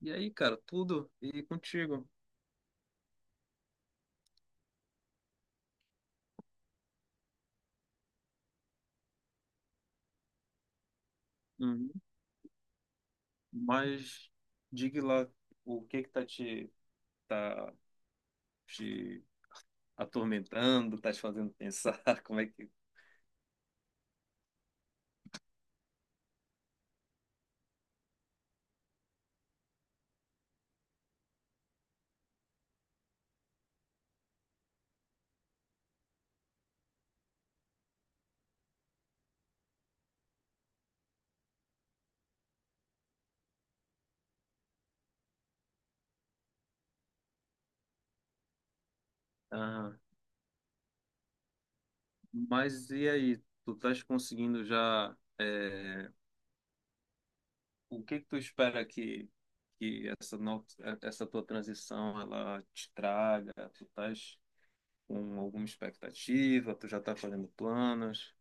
E aí, cara, tudo e contigo. Uhum. Mas diga lá o que que tá te atormentando, tá te fazendo pensar, como é que? Ah, mas e aí, tu estás conseguindo já o que que tu espera que essa no, essa tua transição ela te traga? Tu estás com alguma expectativa? Tu já tá fazendo planos?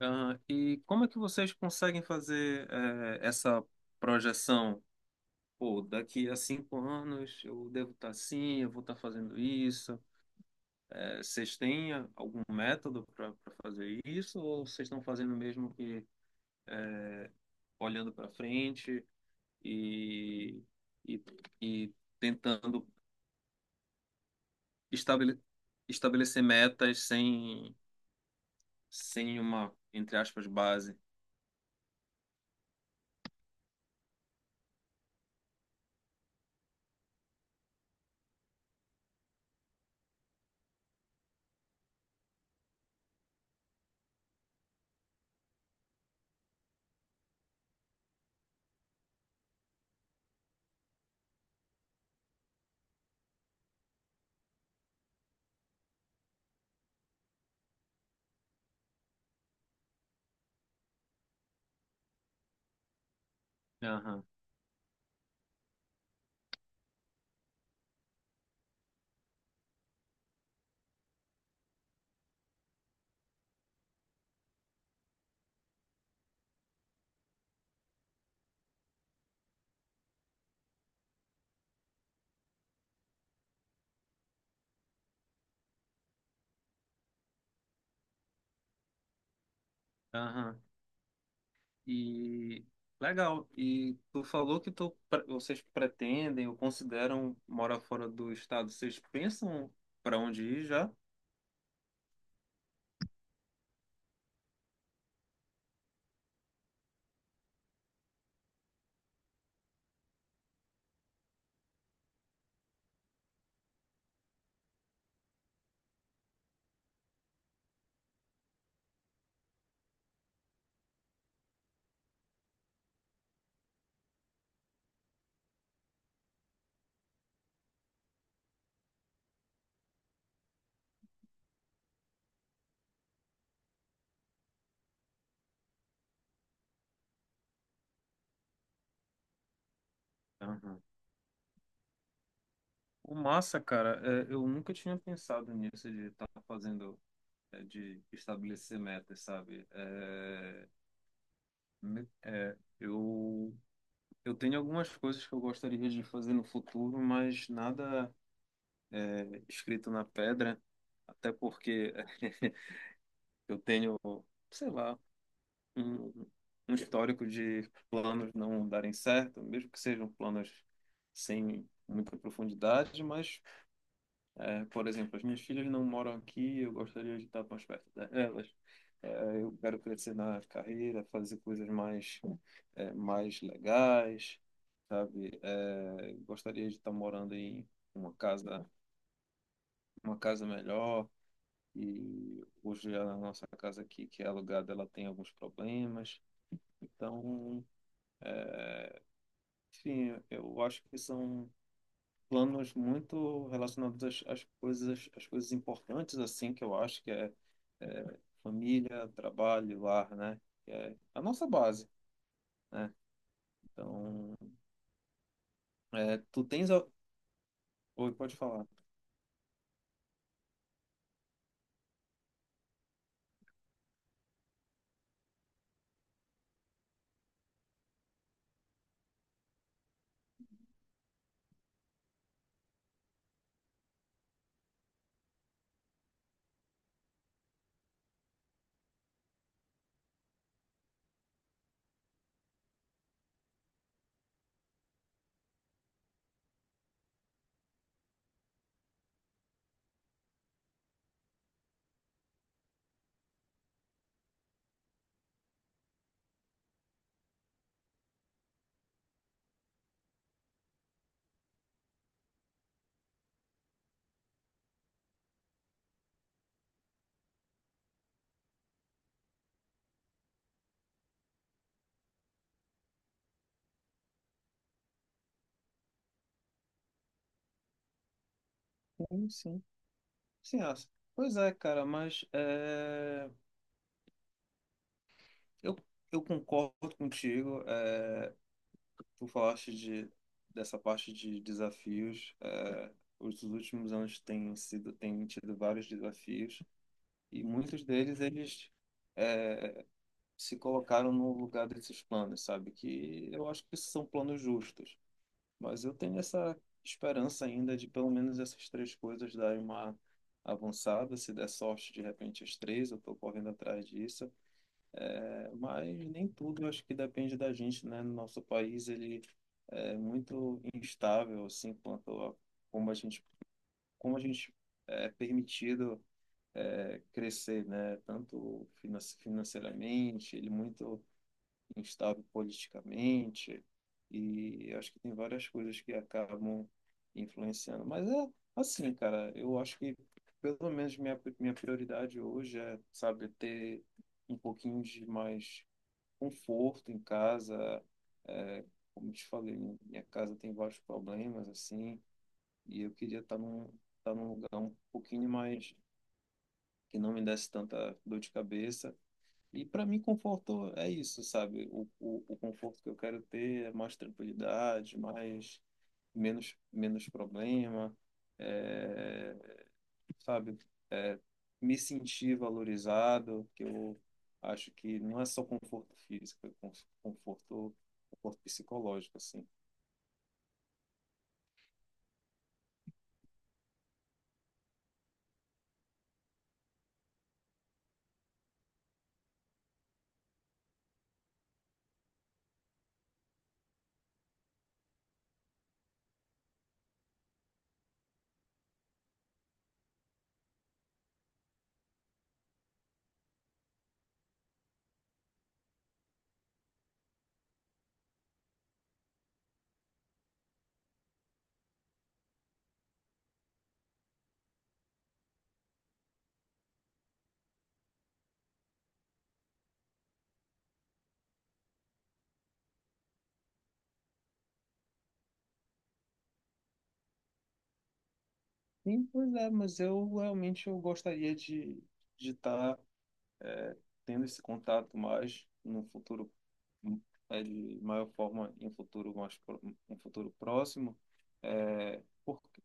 Aham. E como é que vocês conseguem fazer essa projeção? Pô, daqui a 5 anos eu devo estar assim, eu vou estar fazendo isso. Vocês têm algum método para fazer isso? Ou vocês estão fazendo mesmo que olhando para frente e, e, e tentando estabele, estabelecer metas sem uma, entre aspas, base? Aham, aham. E legal. E tu falou que vocês pretendem ou consideram morar fora do estado. Vocês pensam para onde ir já? Aham. O massa, cara, eu nunca tinha pensado nisso de estar fazendo, de estabelecer metas, sabe? Me- é, eu, eu tenho algumas coisas que eu gostaria de fazer no futuro, mas nada escrito na pedra, até porque eu tenho, sei lá, um, um histórico de planos não darem certo, mesmo que sejam planos sem muita profundidade, mas por exemplo, as minhas filhas não moram aqui, eu gostaria de estar mais perto delas. É, eu quero crescer na carreira, fazer coisas mais legais, sabe? É, gostaria de estar morando em uma casa, uma casa melhor. E hoje a nossa casa aqui, que é alugada, ela tem alguns problemas. Então, sim, eu acho que são planos muito relacionados às coisas importantes, assim, que eu acho que é família, trabalho, lar, né? Que é a nossa base, né? Então, tu tens... Oi, pode falar. Sim, sim. Sim, acho. Pois é, cara, mas eu, eu concordo contigo. Tu falaste dessa parte de desafios. Os últimos anos têm sido, têm tido vários desafios. E muitos deles, eles se colocaram no lugar desses planos, sabe? Que eu acho que são planos justos. Mas eu tenho essa esperança ainda de pelo menos essas 3 coisas darem uma avançada. Se der sorte, de repente, as três, eu estou correndo atrás disso. É, mas nem tudo, eu acho que depende da gente, né? No nosso país, ele é muito instável, assim, quanto a como a gente, como a gente é permitido crescer, né? Tanto financeiramente, ele muito instável politicamente, e acho que tem várias coisas que acabam influenciando. Mas é assim, cara, eu acho que pelo menos minha prioridade hoje é, sabe, ter um pouquinho de mais conforto em casa, é, como te falei, minha casa tem vários problemas, assim, e eu queria estar estar num lugar um pouquinho mais que não me desse tanta dor de cabeça. E para mim, conforto é isso, sabe? O conforto que eu quero ter é mais tranquilidade, menos, menos problema, é, sabe? É, me sentir valorizado, que eu acho que não é só conforto físico, é conforto, conforto psicológico, assim. Sim, pois é, mas eu realmente eu gostaria de estar é, tendo esse contato mais no futuro, de maior forma em um em um futuro próximo, é, porque,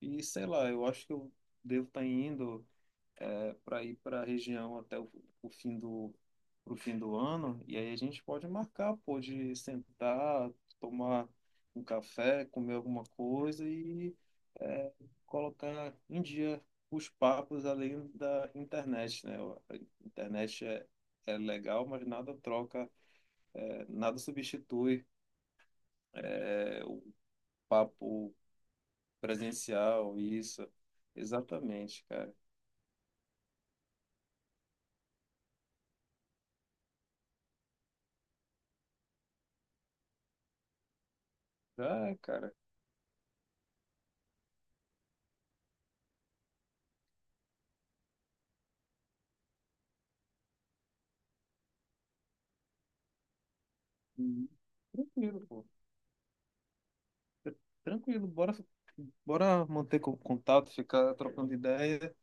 e sei lá, eu acho que eu devo estar indo para ir para a região até o fim do pro fim do ano e aí a gente pode marcar, pode sentar, tomar um café, comer alguma coisa e, é, colocar em dia os papos além da internet, né? A internet é legal, mas nada troca, nada substitui, é, o papo presencial, isso. Exatamente, cara. Ah, cara. Uhum. Tranquilo, pô. Tranquilo, bora, bora manter contato, ficar trocando ideia.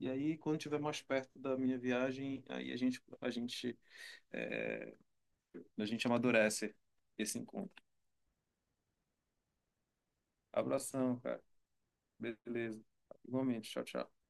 E aí, quando tiver mais perto da minha viagem, a gente, é, a gente amadurece esse encontro. Abração, cara. Beleza. Igualmente. Tchau, tchau.